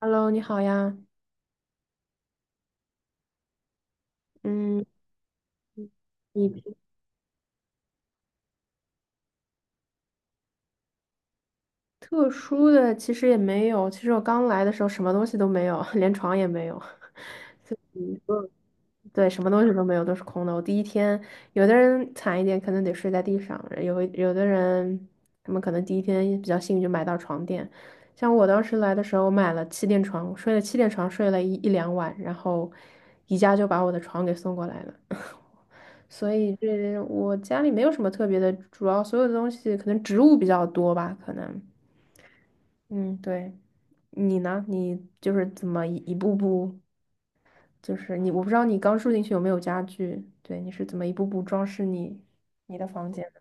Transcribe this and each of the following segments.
Hello，你好呀。嗯，你平特殊的其实也没有。其实我刚来的时候什么东西都没有，连床也没有。嗯。对，什么东西都没有，都是空的。我第一天，有的人惨一点，可能得睡在地上；有的人，他们可能第一天比较幸运，就买到床垫。像我当时来的时候，我买了气垫床，我睡了气垫床，睡了两晚，然后宜家就把我的床给送过来了。所以我家里没有什么特别的，主要所有的东西可能植物比较多吧，可能，嗯，对。你呢？你就是怎么一步步，就是你，我不知道你刚住进去有没有家具，对，你是怎么一步步装饰你的房间的？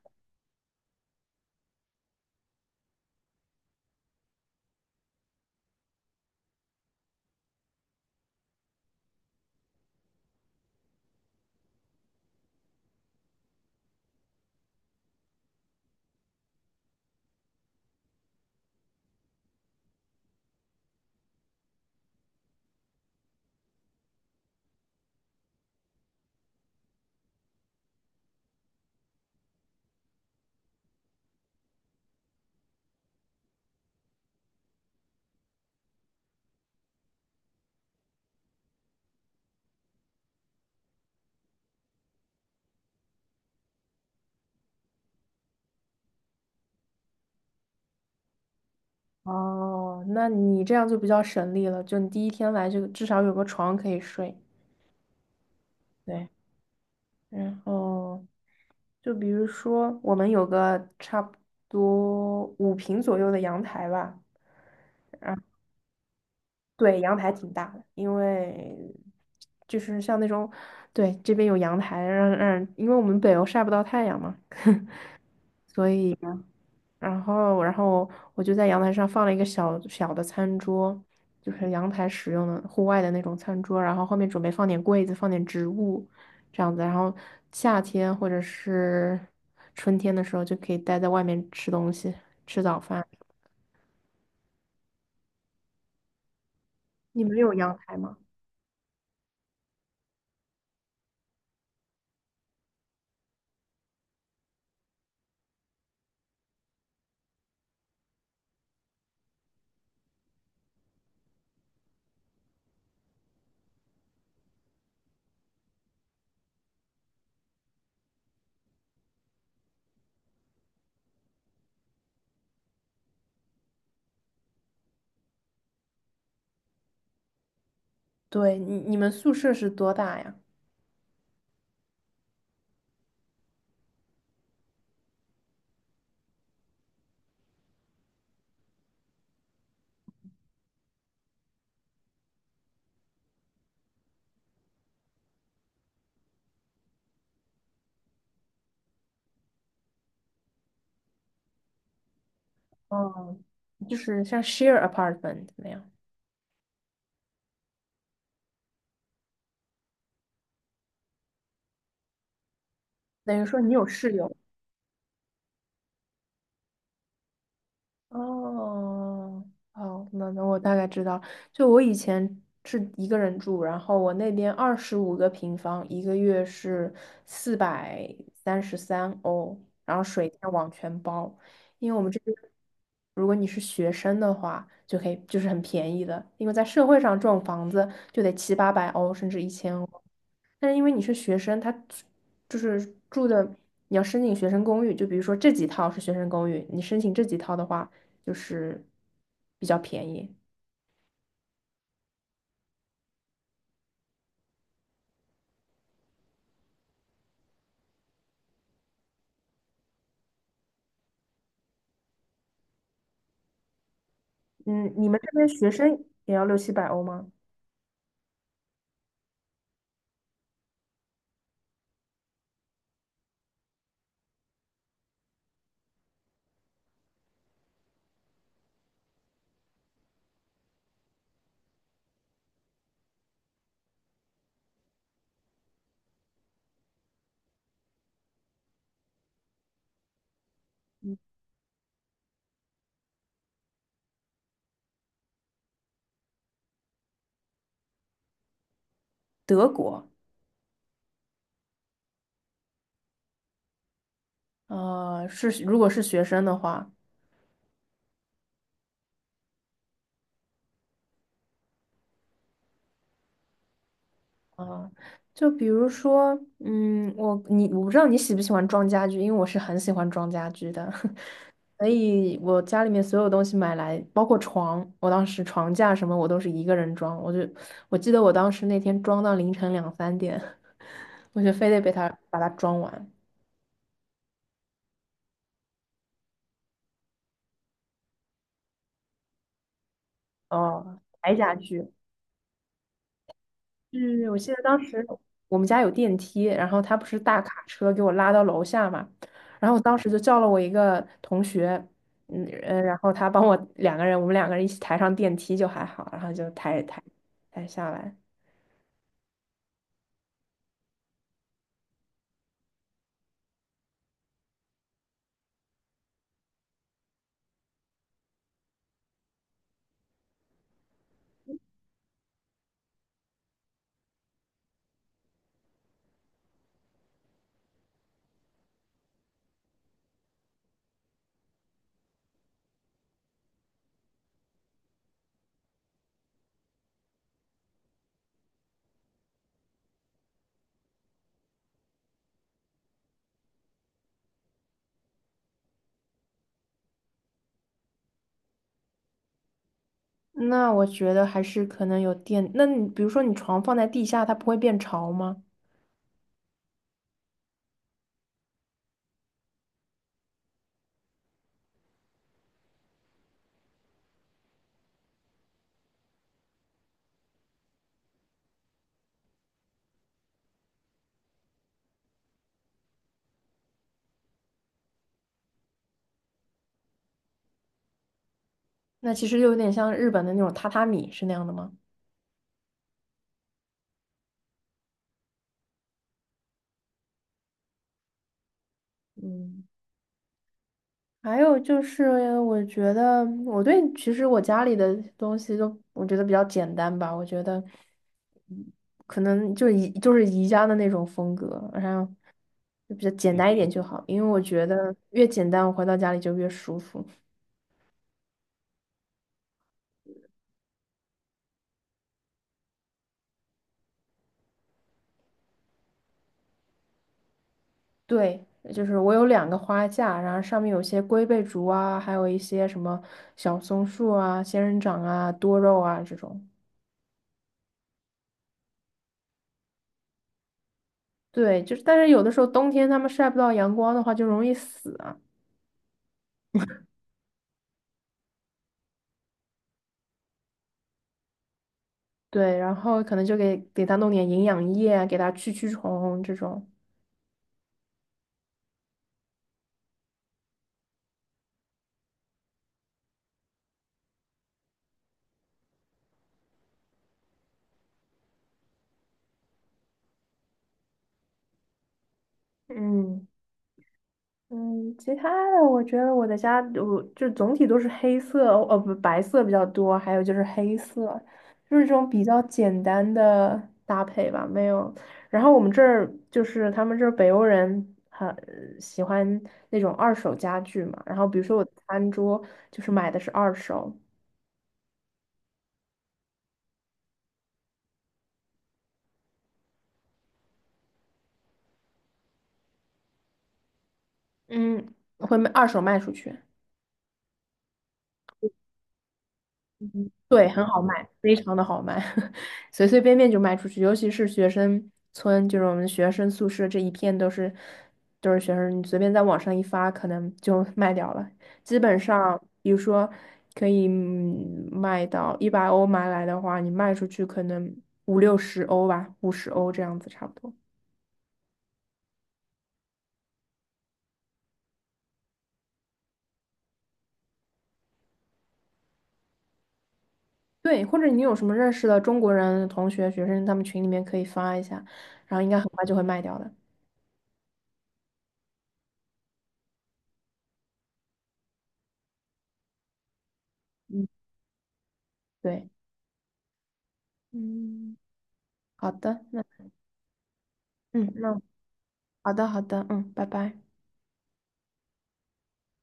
哦，那你这样就比较省力了，就你第一天来就至少有个床可以睡。对，然后就比如说我们有个差不多5平左右的阳台吧。对，阳台挺大的，因为就是像那种，对，这边有阳台，因为我们北欧晒不到太阳嘛，所以呢，然后我就在阳台上放了一个小小的餐桌，就是阳台使用的户外的那种餐桌，然后后面准备放点柜子，放点植物，这样子，然后夏天或者是春天的时候就可以待在外面吃东西，吃早饭。你们有阳台吗？对，你们宿舍是多大呀？哦，就是像 share apartment 那样，等于说你有室友。哦，哦，那我大概知道，就我以前是一个人住，然后我那边25个平方，一个月是433欧，然后水电网全包，因为我们这边如果你是学生的话，就可以就是很便宜的，因为在社会上这种房子就得七八百欧甚至1000欧。但是因为你是学生，他就是住的，你要申请学生公寓，就比如说这几套是学生公寓，你申请这几套的话，就是比较便宜。嗯，你们这边学生也要六七百欧吗？德国，是如果是学生的话。啊，就比如说，嗯，我不知道你喜不喜欢装家具，因为我是很喜欢装家具的，所以我家里面所有东西买来，包括床，我当时床架什么我都是一个人装，我记得我当时那天装到凌晨两三点，我就非得被他把它装完。哦，白家具。嗯，我记得当时我们家有电梯，然后他不是大卡车给我拉到楼下嘛，然后我当时就叫了我一个同学，然后他帮我两个人，我们两个人一起抬上电梯就还好，然后就抬下来。那我觉得还是可能有电，那你比如说你床放在地下，它不会变潮吗？那其实就有点像日本的那种榻榻米是那样的吗？嗯。还有就是，我觉得我对其实我家里的东西都我觉得比较简单吧，我觉得可能就是宜家的那种风格，然后就比较简单一点就好，因为我觉得越简单，我回到家里就越舒服。对，就是我有两个花架，然后上面有些龟背竹啊，还有一些什么小松树啊、仙人掌啊、多肉啊这种。对，就是但是有的时候冬天它们晒不到阳光的话，就容易死啊。对，然后可能就给它弄点营养液啊给它驱虫这种。嗯嗯，其他的我觉得我的家我就总体都是黑色，不白色比较多，还有就是黑色，就是这种比较简单的搭配吧，没有。然后我们这儿就是他们这儿北欧人很喜欢那种二手家具嘛，然后比如说我的餐桌就是买的是二手。嗯，会卖二手卖出去。嗯对，很好卖，非常的好卖，随随便便就卖出去。尤其是学生村，就是我们学生宿舍这一片都是学生，你随便在网上一发，可能就卖掉了。基本上，比如说可以卖到100欧买来的话，你卖出去可能五六十欧吧，50欧这样子差不多。对，或者你有什么认识的中国人同学、学生，他们群里面可以发一下，然后应该很快就会卖掉的。嗯，对，嗯，好的，那。嗯，那好的好的，嗯，拜拜。